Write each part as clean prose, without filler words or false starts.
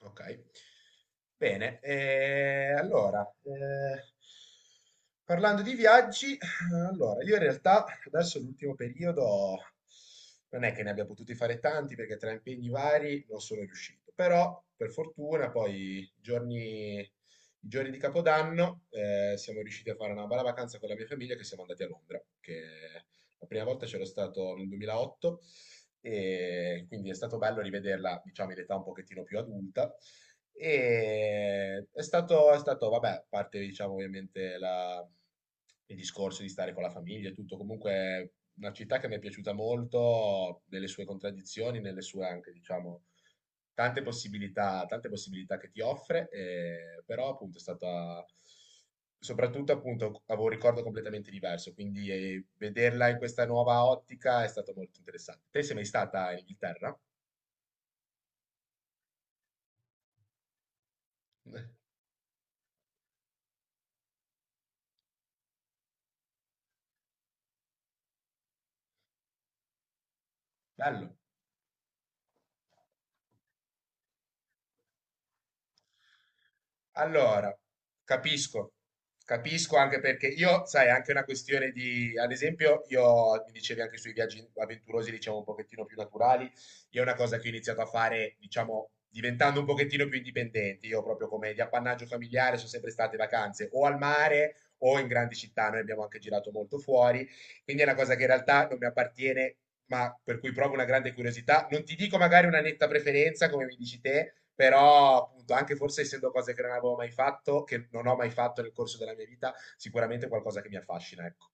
Ok, bene. Allora, parlando di viaggi, allora, io in realtà adesso l'ultimo periodo non è che ne abbia potuti fare tanti perché tra impegni vari non sono riuscito, però per fortuna poi i giorni di Capodanno siamo riusciti a fare una bella vacanza con la mia famiglia che siamo andati a Londra, che la prima volta c'ero stato nel 2008 e quindi è stato bello rivederla, diciamo, in età un pochettino più adulta. E è stato, vabbè, a parte, diciamo, ovviamente il discorso di stare con la famiglia e tutto, comunque una città che mi è piaciuta molto nelle sue contraddizioni, nelle sue anche, diciamo, tante possibilità che ti offre, però appunto è stata soprattutto appunto avevo un ricordo completamente diverso, quindi, vederla in questa nuova ottica è stato molto interessante. Te sei mai stata in Inghilterra? Bello. Allora, capisco, capisco anche perché io, sai, è anche una questione di, ad esempio, io mi dicevi anche sui viaggi avventurosi, diciamo un pochettino più naturali, io è una cosa che ho iniziato a fare, diciamo, diventando un pochettino più indipendente, io proprio come di appannaggio familiare sono sempre state vacanze o al mare o in grandi città, noi abbiamo anche girato molto fuori, quindi è una cosa che in realtà non mi appartiene ma per cui provo una grande curiosità. Non ti dico magari una netta preferenza, come mi dici te, però appunto, anche forse essendo cose che non avevo mai fatto, che non ho mai fatto nel corso della mia vita, sicuramente è qualcosa che mi affascina, ecco.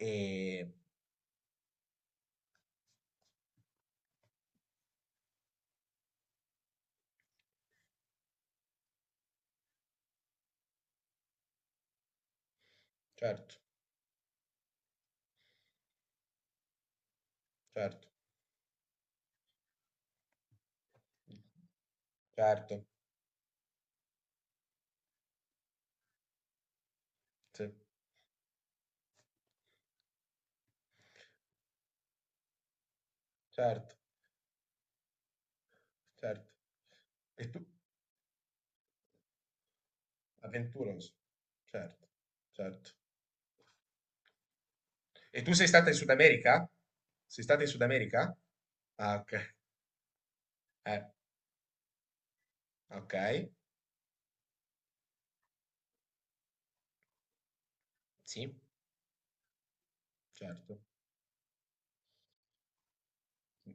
E certo, certo, certo, sì, certo, certo. E tu, avventuroso, certo, certo. E tu sei stata in Sud America? Sei stata in Sud America? Ah, ok. Eh, ok, sì. Certo, mh,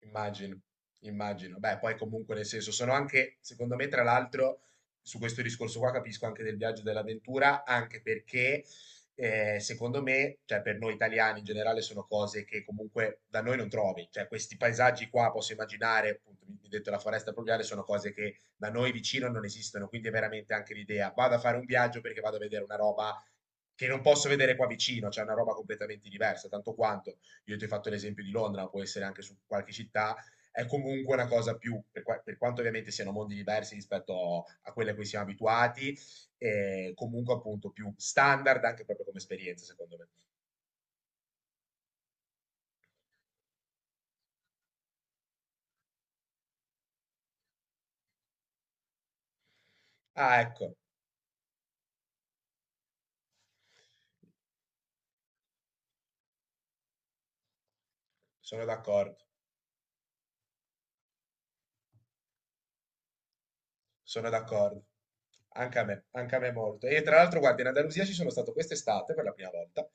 immagino, immagino. Beh, poi comunque nel senso sono anche, secondo me, tra l'altro, su questo discorso qua capisco anche del viaggio e dell'avventura, anche perché secondo me, cioè per noi italiani in generale sono cose che comunque da noi non trovi, cioè questi paesaggi qua posso immaginare, appunto, mi hai detto la foresta pluviale, sono cose che da noi vicino non esistono, quindi è veramente anche l'idea, vado a fare un viaggio perché vado a vedere una roba che non posso vedere qua vicino, cioè una roba completamente diversa, tanto quanto. Io ti ho fatto l'esempio di Londra, ma può essere anche su qualche città, è comunque una cosa più, per quanto ovviamente siano mondi diversi rispetto a quelle a cui siamo abituati, comunque appunto più standard anche proprio come esperienza, secondo me. Ah, ecco, sono d'accordo. Sono d'accordo. Anche a me molto. E tra l'altro, guarda, in Andalusia ci sono stato quest'estate per la prima volta.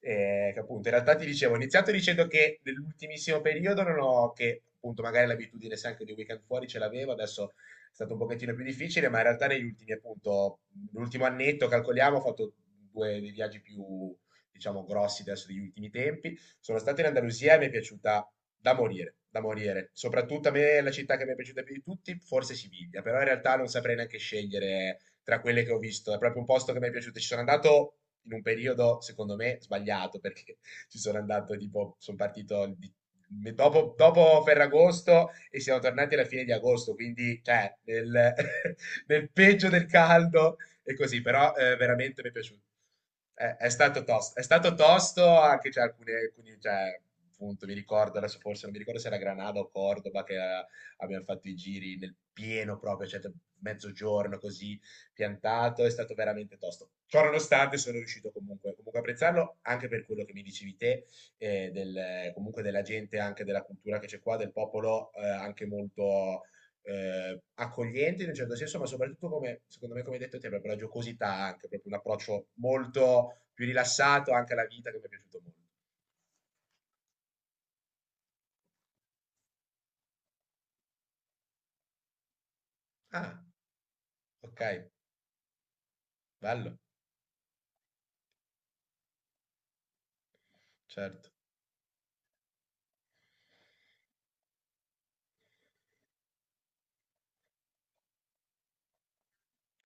Che appunto, in realtà ti dicevo, ho iniziato dicendo che nell'ultimissimo periodo non ho, che appunto magari l'abitudine se anche di weekend fuori ce l'avevo, adesso è stato un pochettino più difficile, ma in realtà negli ultimi, appunto, l'ultimo annetto, calcoliamo, ho fatto due dei viaggi più, diciamo, grossi adesso degli ultimi tempi. Sono stato in Andalusia e mi è piaciuta da morire, da morire. Soprattutto a me la città che mi è piaciuta più di tutti, forse Siviglia, però in realtà non saprei neanche scegliere tra quelle che ho visto. È proprio un posto che mi è piaciuto. Ci sono andato in un periodo, secondo me, sbagliato, perché ci sono andato tipo, sono partito dopo Ferragosto e siamo tornati alla fine di agosto, quindi cioè, nel peggio del caldo e così, però veramente mi è piaciuto. È stato tosto anche cioè, alcuni cioè, appunto, mi ricordo adesso forse, non mi ricordo se era Granada o Cordoba che abbiamo fatto i giri nel pieno proprio, cioè mezzogiorno così piantato, è stato veramente tosto. Ciò nonostante sono riuscito comunque a apprezzarlo anche per quello che mi dicevi te, comunque della gente, anche della cultura che c'è qua, del popolo anche molto accogliente in un certo senso, ma soprattutto come, secondo me, come hai detto te, proprio la giocosità, anche proprio un approccio molto più rilassato anche alla vita che mi è piaciuto molto. Ah, ok, bello, certo,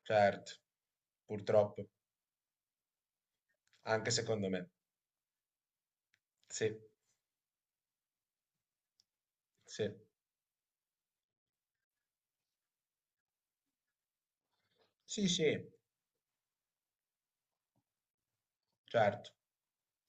certo, purtroppo, anche secondo me. Sì, sì, sì, sì, certo.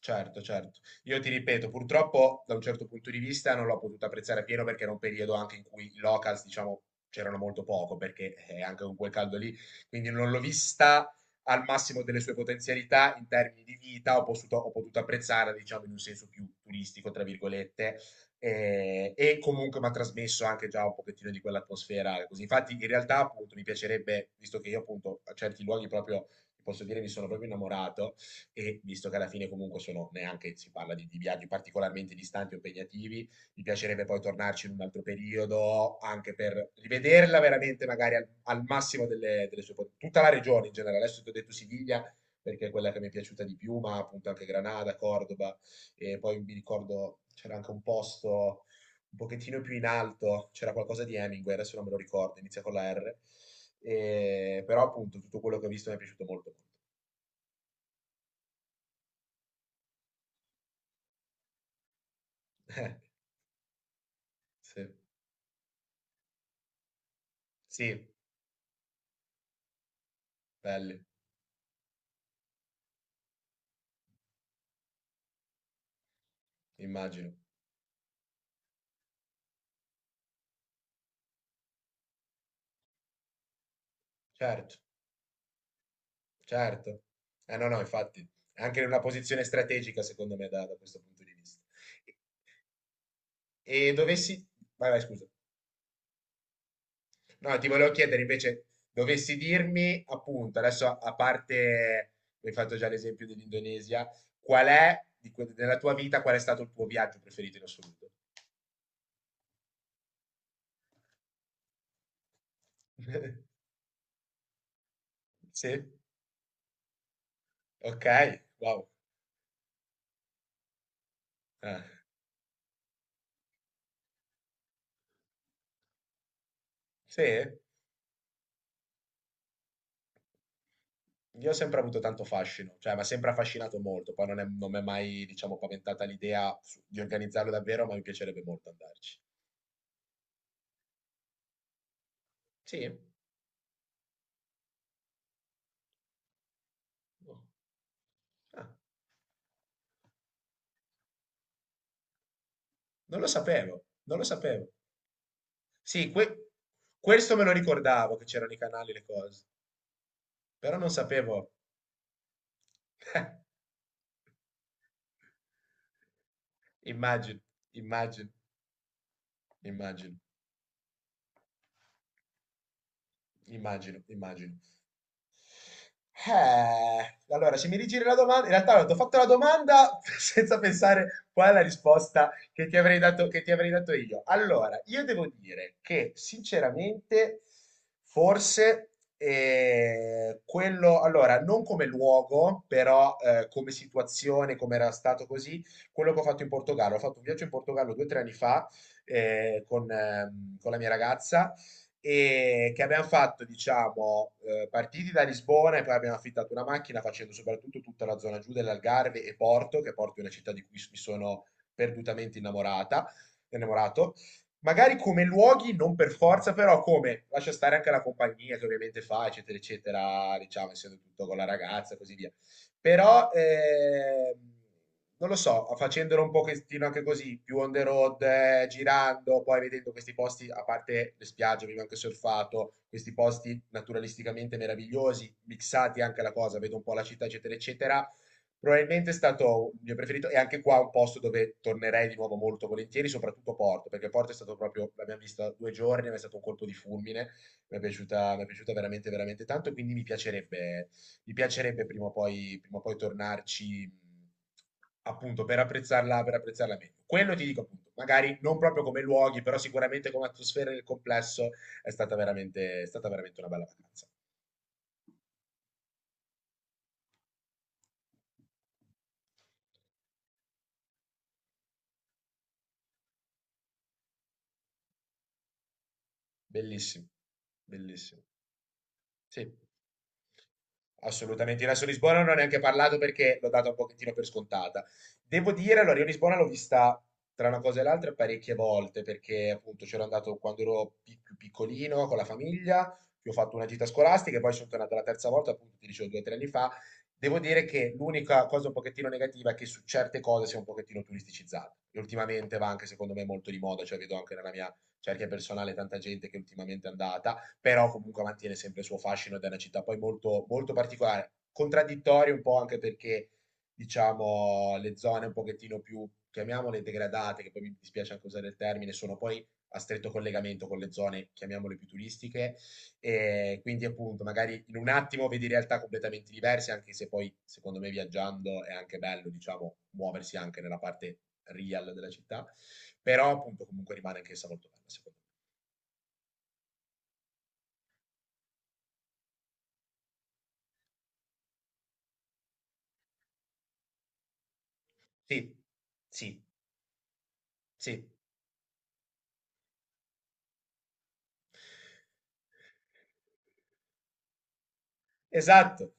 Certo, certo. Io ti ripeto, purtroppo da un certo punto di vista non l'ho potuto apprezzare pieno perché era un periodo anche in cui i locals, diciamo, c'erano molto poco perché anche con quel caldo lì, quindi non l'ho vista al massimo delle sue potenzialità in termini di vita, ho potuto apprezzare, diciamo, in un senso più turistico, tra virgolette, e comunque mi ha trasmesso anche già un pochettino di quell'atmosfera così. Infatti, in realtà, appunto, mi piacerebbe, visto che io appunto a certi luoghi proprio, ti posso dire, mi sono proprio innamorato e visto che alla fine comunque sono neanche si parla di viaggi particolarmente distanti o impegnativi, mi piacerebbe poi tornarci in un altro periodo anche per rivederla veramente magari al massimo delle sue potenze. Tutta la regione in generale, adesso ti ho detto Siviglia perché è quella che mi è piaciuta di più, ma appunto anche Granada, Cordoba e poi mi ricordo c'era anche un posto un pochettino più in alto, c'era qualcosa di Hemingway, adesso non me lo ricordo, inizia con la R, però appunto tutto quello che ho visto mi è piaciuto molto. molto. Sì. Sì, belli, immagino. Certo, certo. Eh no, no, infatti, è anche in una posizione strategica, secondo me, da questo punto di vista. E dovessi... Vai, vai, scusa. No, ti volevo chiedere invece, dovessi dirmi, appunto, adesso a parte, mi hai fatto già l'esempio dell'Indonesia, qual è, nella tua vita, qual è stato il tuo viaggio preferito in assoluto? Sì? Ok, wow. Ah, sì? Io ho sempre avuto tanto fascino, cioè mi ha sempre affascinato molto, poi non mi è mai, diciamo, paventata l'idea di organizzarlo davvero, ma mi piacerebbe molto andarci. Sì? Oh. Ah, non lo sapevo, non lo sapevo. Sì, questo me lo ricordavo, che c'erano i canali e le cose, però non sapevo. Immagino, immagino, immagino, immagino, immagino. Allora, se mi rigiri la domanda, in realtà ti ho fatto la domanda senza pensare qual è la risposta che ti avrei dato, io. Allora, io devo dire che sinceramente, forse quello, allora, non come luogo, però come situazione, come era stato così, quello che ho fatto in Portogallo. Ho fatto un viaggio in Portogallo 2 o 3 anni fa con la mia ragazza e che abbiamo fatto, diciamo, partiti da Lisbona e poi abbiamo affittato una macchina facendo soprattutto tutta la zona giù dell'Algarve e Porto, che Porto è una città di cui mi sono perdutamente innamorato. Magari come luoghi, non per forza, però come lascia stare anche la compagnia che ovviamente fa, eccetera, eccetera, diciamo, essendo tutto con la ragazza e così via. Però non lo so, facendolo un pochettino anche così, più on the road, girando, poi vedendo questi posti, a parte le spiagge, abbiamo anche surfato, questi posti naturalisticamente meravigliosi, mixati anche alla cosa, vedo un po' la città, eccetera, eccetera. Probabilmente è stato il mio preferito e anche qua un posto dove tornerei di nuovo molto volentieri, soprattutto Porto, perché Porto è stato proprio, l'abbiamo vista 2 giorni, ma è stato un colpo di fulmine, mi è piaciuta veramente, veramente tanto, quindi mi piacerebbe prima o poi tornarci appunto per apprezzarla meglio. Quello ti dico appunto, magari non proprio come luoghi, però sicuramente come atmosfera nel complesso è stata veramente una bella vacanza. Bellissimo, bellissimo. Sì. Assolutamente, in Lazio Lisbona non ho neanche parlato perché l'ho data un pochettino per scontata. Devo dire, allora, io Lisbona l'ho vista tra una cosa e l'altra parecchie volte perché appunto c'ero andato quando ero più piccolino con la famiglia, che ho fatto una gita scolastica e poi sono tornato la terza volta, appunto ti dicevo 2 o 3 anni fa. Devo dire che l'unica cosa un pochettino negativa è che su certe cose si è un pochettino turisticizzata e ultimamente va anche secondo me molto di moda, cioè vedo anche nella mia cerchia personale tanta gente che ultimamente è andata però comunque mantiene sempre il suo fascino ed è una città poi molto, molto particolare, contraddittoria un po' anche perché diciamo le zone un pochettino più, chiamiamole degradate, che poi mi dispiace anche usare il termine, sono poi a stretto collegamento con le zone, chiamiamole più turistiche, e quindi appunto magari in un attimo vedi realtà completamente diverse, anche se poi secondo me viaggiando è anche bello, diciamo, muoversi anche nella parte real della città, però appunto comunque rimane anchessa molto bella secondo me. Sì, sì, sì. Esatto,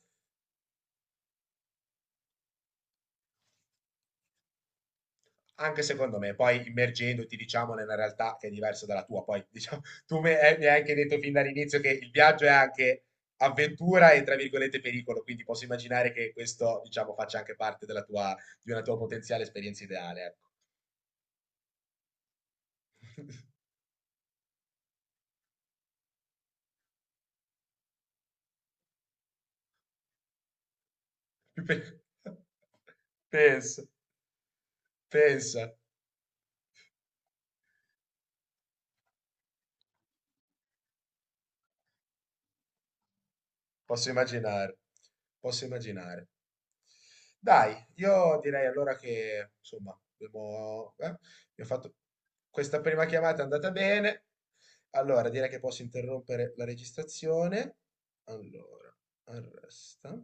anche secondo me, poi immergendoti, diciamo, nella realtà che è diversa dalla tua, poi diciamo, mi hai anche detto fin dall'inizio che il viaggio è anche avventura e, tra virgolette, pericolo, quindi posso immaginare che questo, diciamo, faccia anche parte della tua, di una tua potenziale esperienza ideale, ecco. Più pe- Pensa, pensa, posso immaginare, posso immaginare. Dai, io direi allora che, insomma, abbiamo fatto questa prima chiamata è andata bene. Allora, direi che posso interrompere la registrazione. Allora, arresta.